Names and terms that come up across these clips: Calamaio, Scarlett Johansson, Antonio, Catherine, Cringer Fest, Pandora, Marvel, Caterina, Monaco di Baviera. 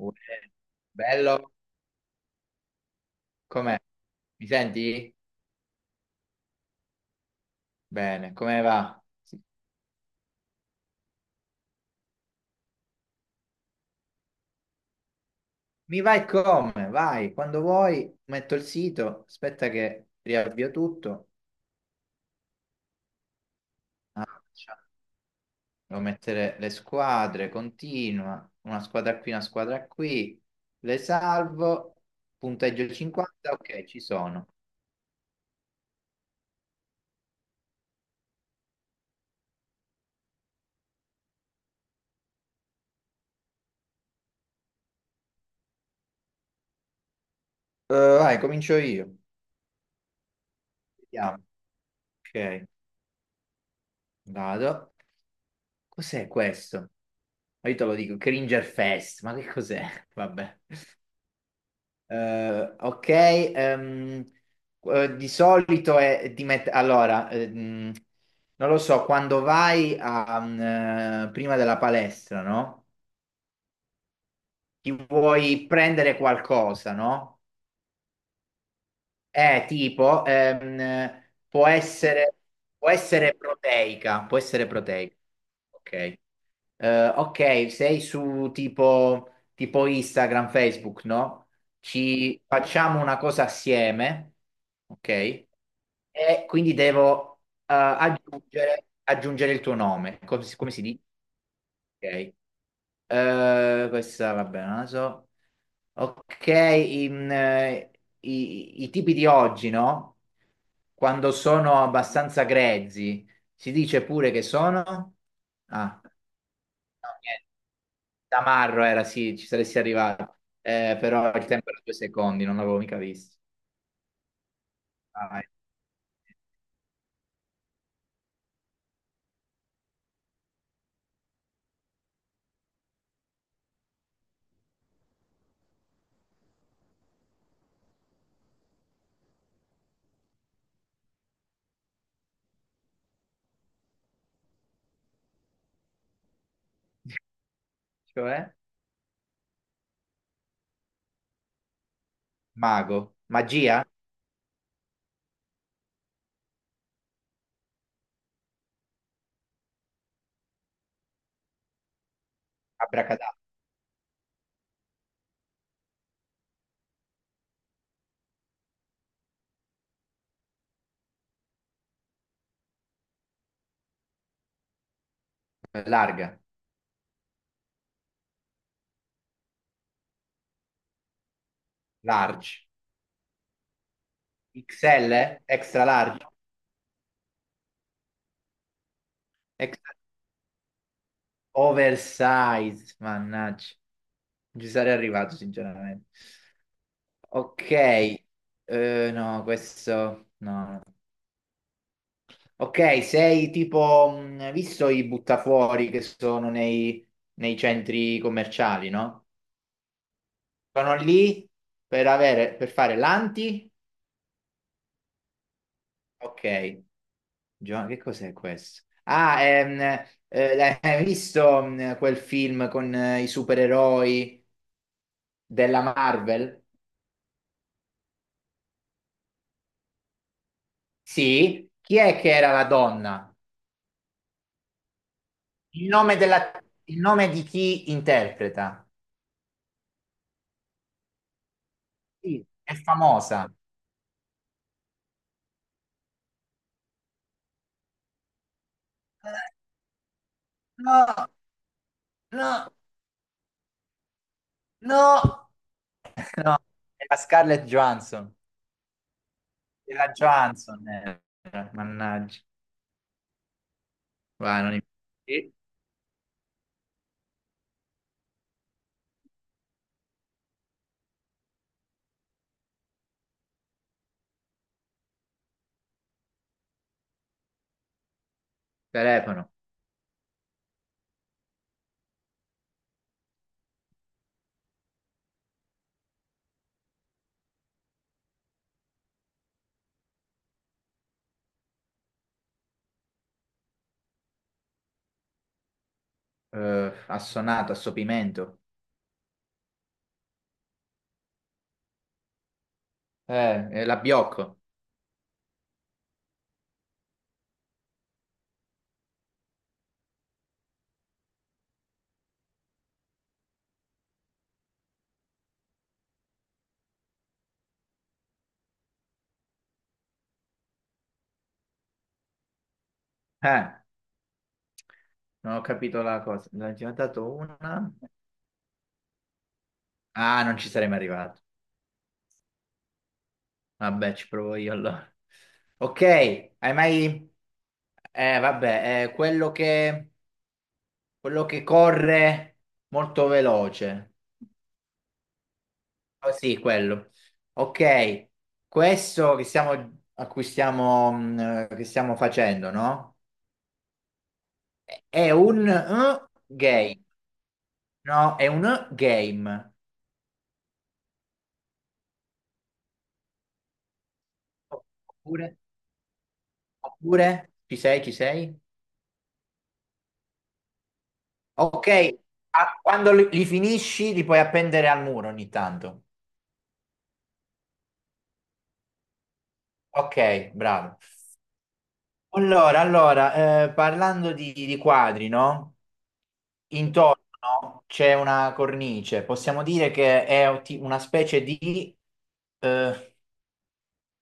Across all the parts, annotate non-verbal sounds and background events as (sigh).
Uè, bello, com'è? Mi senti? Bene, come va? Sì. Mi vai come? Vai, quando vuoi, metto il sito, aspetta che riavvio tutto. Ah, ciao. Devo mettere le squadre, continua, una squadra qui, le salvo, punteggio 50, ok, ci sono. Vai, comincio io. Vediamo. Ok, vado. Cos'è questo? Ma io te lo dico, Cringer Fest, ma che cos'è? (laughs) Vabbè. Ok, di solito è di allora, non lo so, quando vai a, prima della palestra, no? Ti vuoi prendere qualcosa, no? Tipo, può essere proteica, può essere proteica. Ok. Ok, sei su tipo, tipo Instagram, Facebook, no? Ci facciamo una cosa assieme, ok? E quindi devo aggiungere il tuo nome, come, si come si dice? Ok. Questa, vabbè, non la so. Ok, in, i tipi di oggi, no? Quando sono abbastanza grezzi, si dice pure che sono... Ah, no, niente. Tamarro era, sì, ci saresti arrivato. Però il tempo era 2 secondi, non l'avevo mica visto. Vai. Cioè, mago, magia, abracadabra, larga, large, XL, extra large, XL. Oversize, mannaggia. Non ci sarei arrivato, sinceramente. Ok, no, questo no. Ok, sei tipo, visto i buttafuori che sono nei centri commerciali, no? Sono lì per avere, per fare l'anti. Ok, che cos'è questo? Ah, hai visto quel film con i supereroi della Marvel? Sì, chi è che era la donna? Il nome della- il nome di chi interpreta? Sì, è famosa. No, no, no, no, è la Scarlett Johansson. È la Johansson, eh. Mannaggia. Va, non im- Sì. Telefono. Assonato, assopimento. È la Biocco. Eh, non ho capito la cosa. Ne ho già dato una. Ah, non ci sarei mai arrivato. Vabbè, ci provo io allora. Ok, hai mai... vabbè, quello quello che corre molto veloce. Oh, sì, quello. Ok, questo che a cui che stiamo facendo, no? È un game. No, è un game. Oppure... Oppure... Ci sei, ci sei? Ok, quando li finisci li puoi appendere al muro ogni tanto. Ok, bravo. Allora, parlando di quadri, no? Intorno c'è una cornice, possiamo dire che è una specie di... Eh,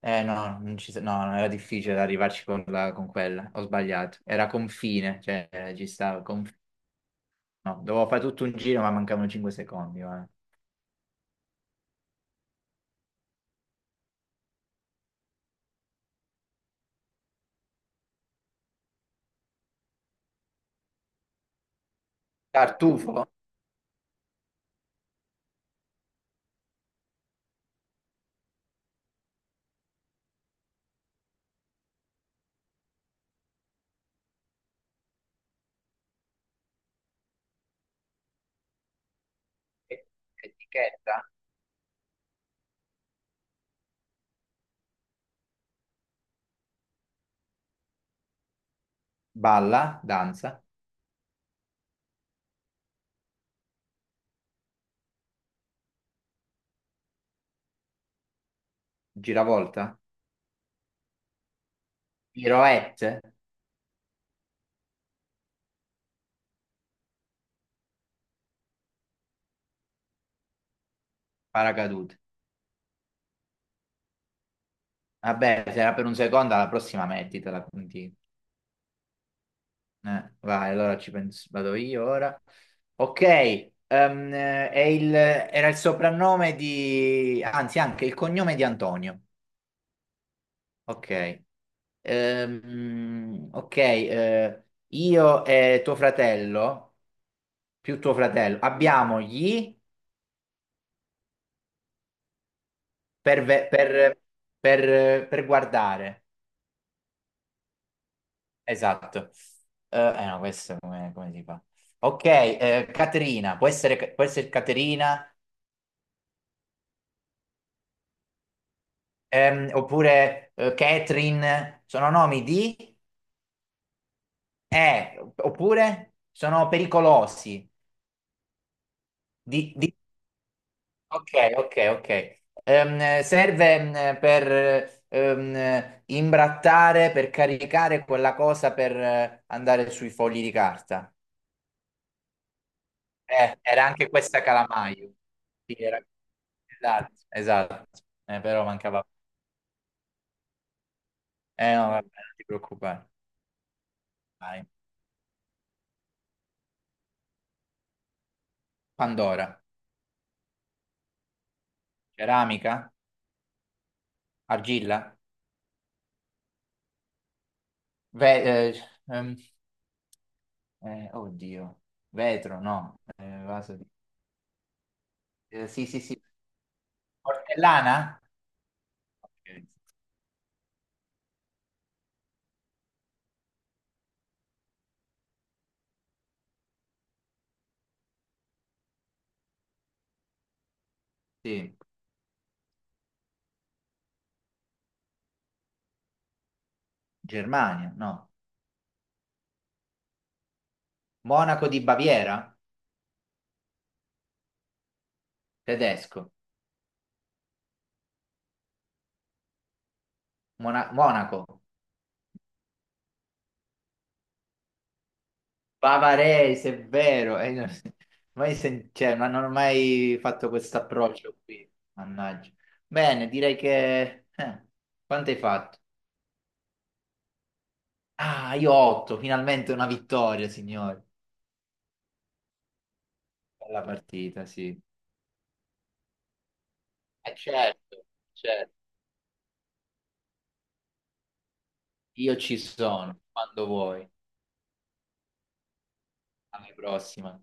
no, non ci sa- no, no, era difficile arrivarci con, con quella, ho sbagliato. Era confine, cioè ci stava, no, dovevo fare tutto un giro ma mancavano 5 secondi. Guarda. Tartufo, E- etichetta, balla, danza, giravolta, piroette, paracadute. Vabbè, se era per un secondo, alla prossima mettitela, quindi. Vai, allora ci penso, vado io ora. Ok, è era il soprannome di, anzi anche il cognome di Antonio. Ok, ok, io e tuo fratello, più tuo fratello, abbiamo gli per, per, per guardare. Esatto. No, questo come, come si fa? Ok, Caterina, può essere Caterina, oppure Catherine, sono nomi di oppure sono pericolosi. Di, di- Ok, ok, ok. Serve per imbrattare, per caricare quella cosa per andare sui fogli di carta. Era anche questa Calamaio. Sì, era- Esatto, esatto. Però mancava. Eh no, vabbè, non ti preoccupare. Vai. Pandora, ceramica, argilla, Ve- eh, ehm, oddio, vetro, no, vaso di... Eh, sì, sì, sì, portellana? Ok. Sì, Germania, no. Monaco di Baviera, tedesco. Monaco. Bavarese, è vero, (laughs) mai sen- cioè, ma non ho mai fatto questo approccio qui, mannaggia. Bene, direi che... quanto hai fatto? Ah, io 8, finalmente una vittoria, signori. Bella partita, sì. Eh certo, certo. Io ci sono, quando vuoi. Alla prossima.